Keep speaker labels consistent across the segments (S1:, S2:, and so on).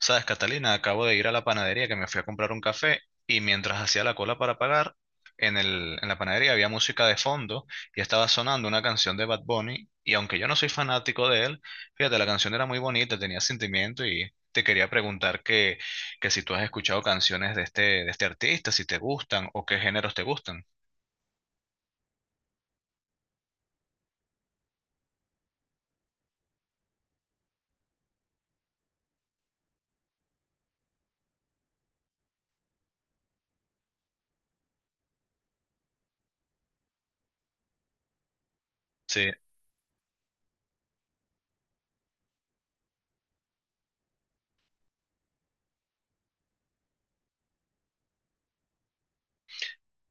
S1: Sabes, Catalina, acabo de ir a la panadería que me fui a comprar un café y mientras hacía la cola para pagar, en la panadería había música de fondo y estaba sonando una canción de Bad Bunny y aunque yo no soy fanático de él, fíjate, la canción era muy bonita, tenía sentimiento y te quería preguntar que si tú has escuchado canciones de de este artista, si te gustan o qué géneros te gustan. Sí.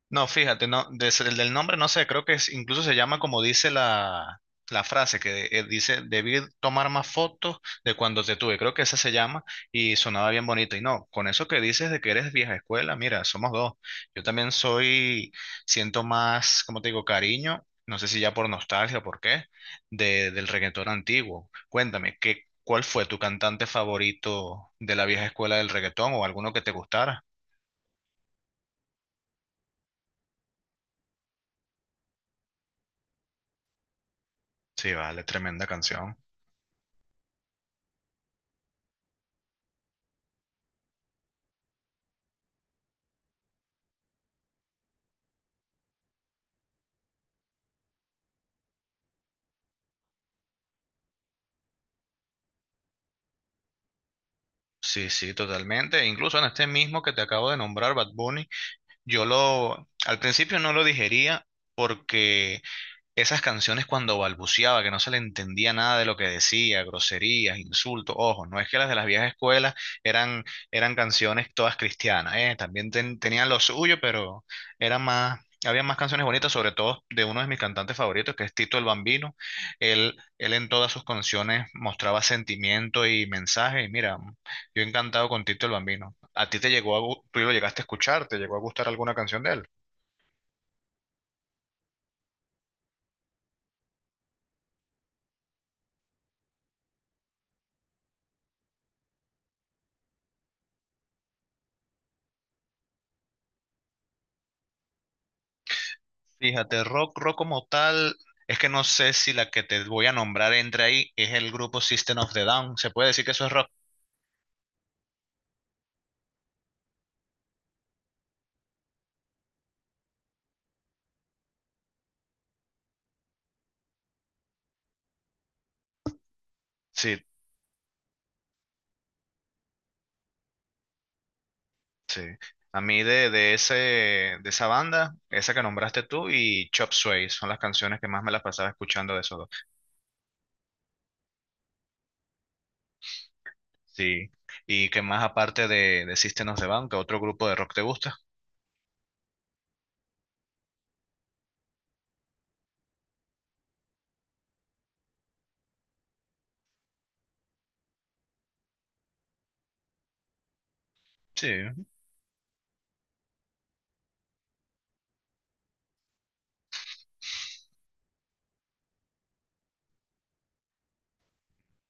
S1: No, fíjate, no, el del nombre no sé, creo que incluso se llama como dice la frase que dice, debí tomar más fotos de cuando te tuve, creo que esa se llama y sonaba bien bonito. Y no, con eso que dices de que eres vieja escuela, mira, somos dos. Yo también soy, Siento más, como te digo, cariño, no sé si ya por nostalgia o por qué, del reggaetón antiguo. Cuéntame, cuál fue tu cantante favorito de la vieja escuela del reggaetón o alguno que te gustara? Sí, vale, tremenda canción. Sí, sí, totalmente. Incluso en este mismo que te acabo de nombrar, Bad Bunny, yo lo, al principio no lo digería porque esas canciones cuando balbuceaba, que no se le entendía nada de lo que decía, groserías, insultos, ojo, no es que las de las viejas escuelas eran, eran canciones todas cristianas, también tenían lo suyo, pero eran más, había más canciones bonitas, sobre todo de uno de mis cantantes favoritos, que es Tito el Bambino. Él en todas sus canciones mostraba sentimiento y mensaje, y mira, yo encantado con Tito el Bambino. ¿A ti te llegó tú lo llegaste a escuchar, te llegó a gustar alguna canción de él? Fíjate, rock como tal, es que no sé si la que te voy a nombrar entre ahí es el grupo System of the Down. ¿Se puede decir que eso es rock? Sí, sí. A mí de ese, de esa banda, esa que nombraste tú y Chop Suey son las canciones que más me las pasaba escuchando de esos dos. Sí. ¿Y que más aparte de, System of the Down, que otro grupo de rock te gusta? Sí,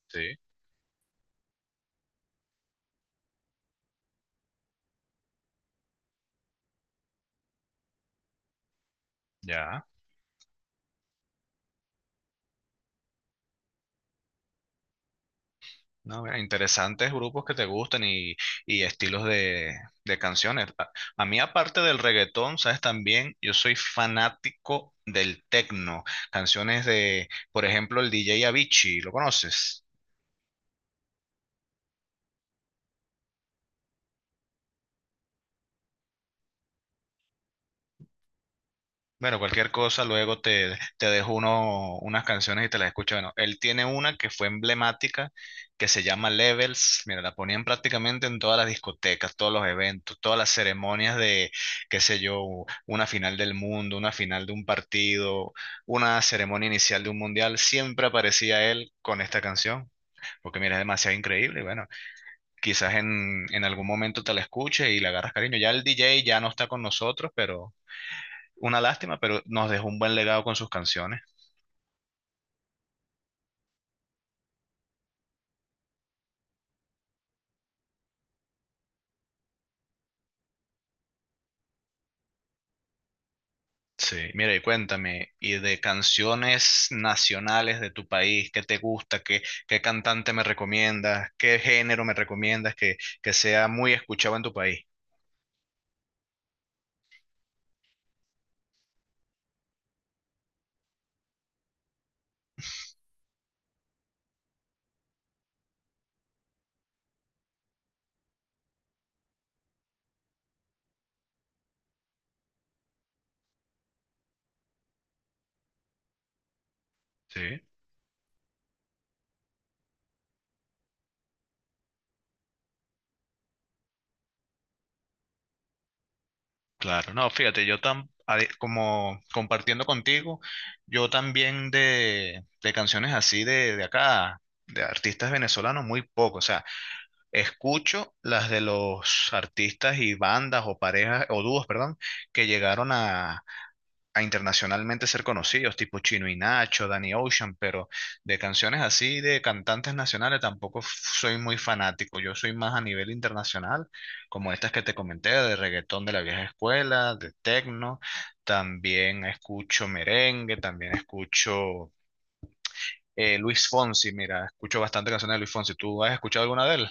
S1: sí, ya. No, mira, interesantes grupos que te gustan y estilos de canciones. A mí, aparte del reggaetón, sabes también, yo soy fanático del techno. Canciones de, por ejemplo, el DJ Avicii, ¿lo conoces? Bueno, cualquier cosa, luego te dejo uno, unas canciones y te las escucho. Bueno, él tiene una que fue emblemática, que se llama Levels. Mira, la ponían prácticamente en todas las discotecas, todos los eventos, todas las ceremonias de, qué sé yo, una final del mundo, una final de un partido, una ceremonia inicial de un mundial. Siempre aparecía él con esta canción, porque mira, es demasiado increíble. Y bueno, quizás en algún momento te la escuches y le agarras cariño. Ya el DJ ya no está con nosotros, pero una lástima, pero nos dejó un buen legado con sus canciones. Sí, mira, y cuéntame, y de canciones nacionales de tu país, ¿qué te gusta? Qué cantante me recomiendas? ¿Qué género me recomiendas que sea muy escuchado en tu país? Sí, claro. No, fíjate, como compartiendo contigo, yo también de canciones así de acá, de artistas venezolanos, muy poco. O sea, escucho las de los artistas y bandas o parejas o dúos, perdón, que llegaron a internacionalmente ser conocidos, tipo Chino y Nacho, Danny Ocean, pero de canciones así de cantantes nacionales tampoco soy muy fanático. Yo soy más a nivel internacional, como estas que te comenté, de reggaetón de la vieja escuela, de techno, también escucho merengue, también escucho Luis Fonsi. Mira, escucho bastante canciones de Luis Fonsi. ¿Tú has escuchado alguna de él?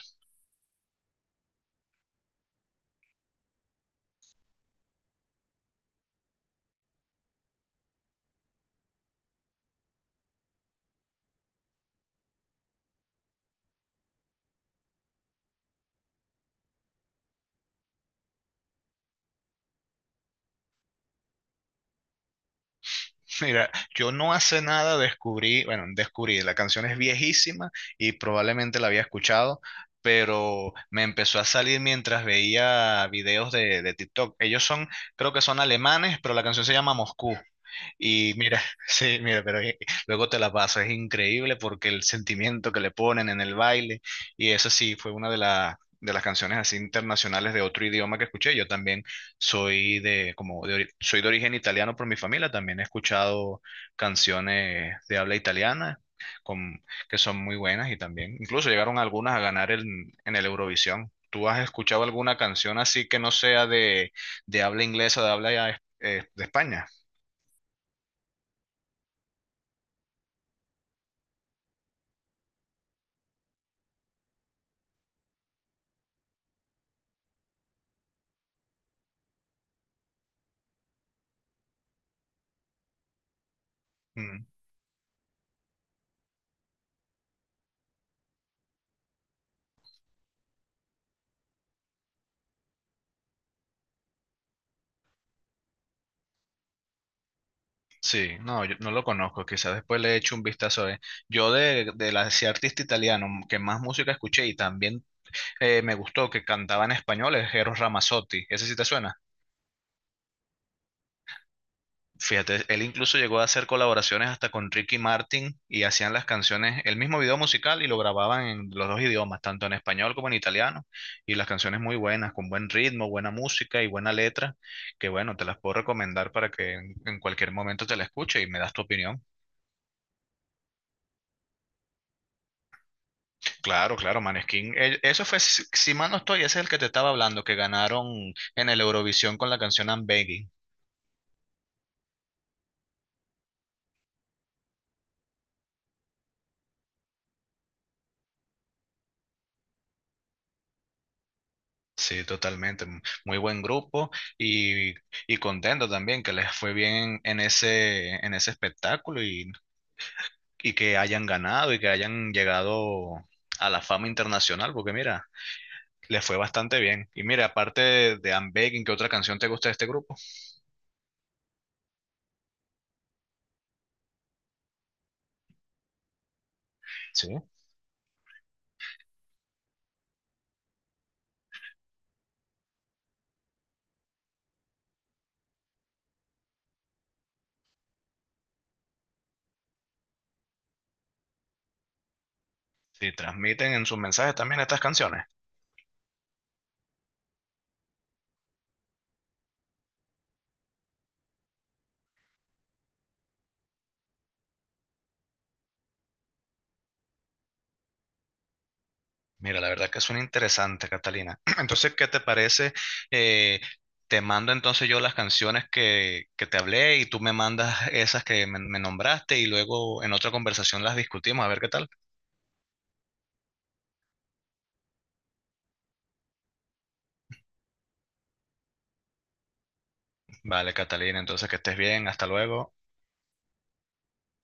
S1: Mira, yo no hace nada descubrí, bueno, descubrí, la canción es viejísima y probablemente la había escuchado, pero me empezó a salir mientras veía videos de TikTok. Ellos son, creo que son alemanes, pero la canción se llama Moscú. Y mira, sí, mira, pero luego te la paso, es increíble porque el sentimiento que le ponen en el baile, y eso sí, fue una de las canciones así internacionales de otro idioma que escuché. Yo también soy de, como de ori- soy de origen italiano por mi familia, también he escuchado canciones de habla italiana con, que son muy buenas y también, incluso llegaron algunas a ganar en el Eurovisión. ¿Tú has escuchado alguna canción así que no sea de habla inglesa, de habla de España? Mm. Sí, no, yo no lo conozco, quizás después le echo un vistazo. Yo ese artista italiano que más música escuché y también me gustó que cantaba en español es Eros Ramazzotti, ¿ese sí te suena? Fíjate, él incluso llegó a hacer colaboraciones hasta con Ricky Martin y hacían las canciones, el mismo video musical y lo grababan en los dos idiomas, tanto en español como en italiano, y las canciones muy buenas, con buen ritmo, buena música y buena letra, que bueno, te las puedo recomendar para que en cualquier momento te la escuche y me das tu opinión. Claro, claro, Maneskin. Eso fue, si si mal no estoy, ese es el que te estaba hablando, que ganaron en el Eurovisión con la canción I'm Begging. Sí, totalmente. Muy buen grupo y, y contento también que les fue bien en en ese espectáculo y que hayan ganado y que hayan llegado a la fama internacional, porque mira, les fue bastante bien. Y mira, aparte de I'm Begging, ¿qué otra canción te gusta de este grupo? Sí. Sí, transmiten en sus mensajes también estas canciones. Mira, la verdad que suena interesante, Catalina. Entonces, ¿qué te parece? Eh, te mando entonces yo las canciones que te hablé y tú me mandas esas que me nombraste y luego en otra conversación las discutimos, a ver qué tal. Vale, Catalina, entonces que estés bien, hasta luego.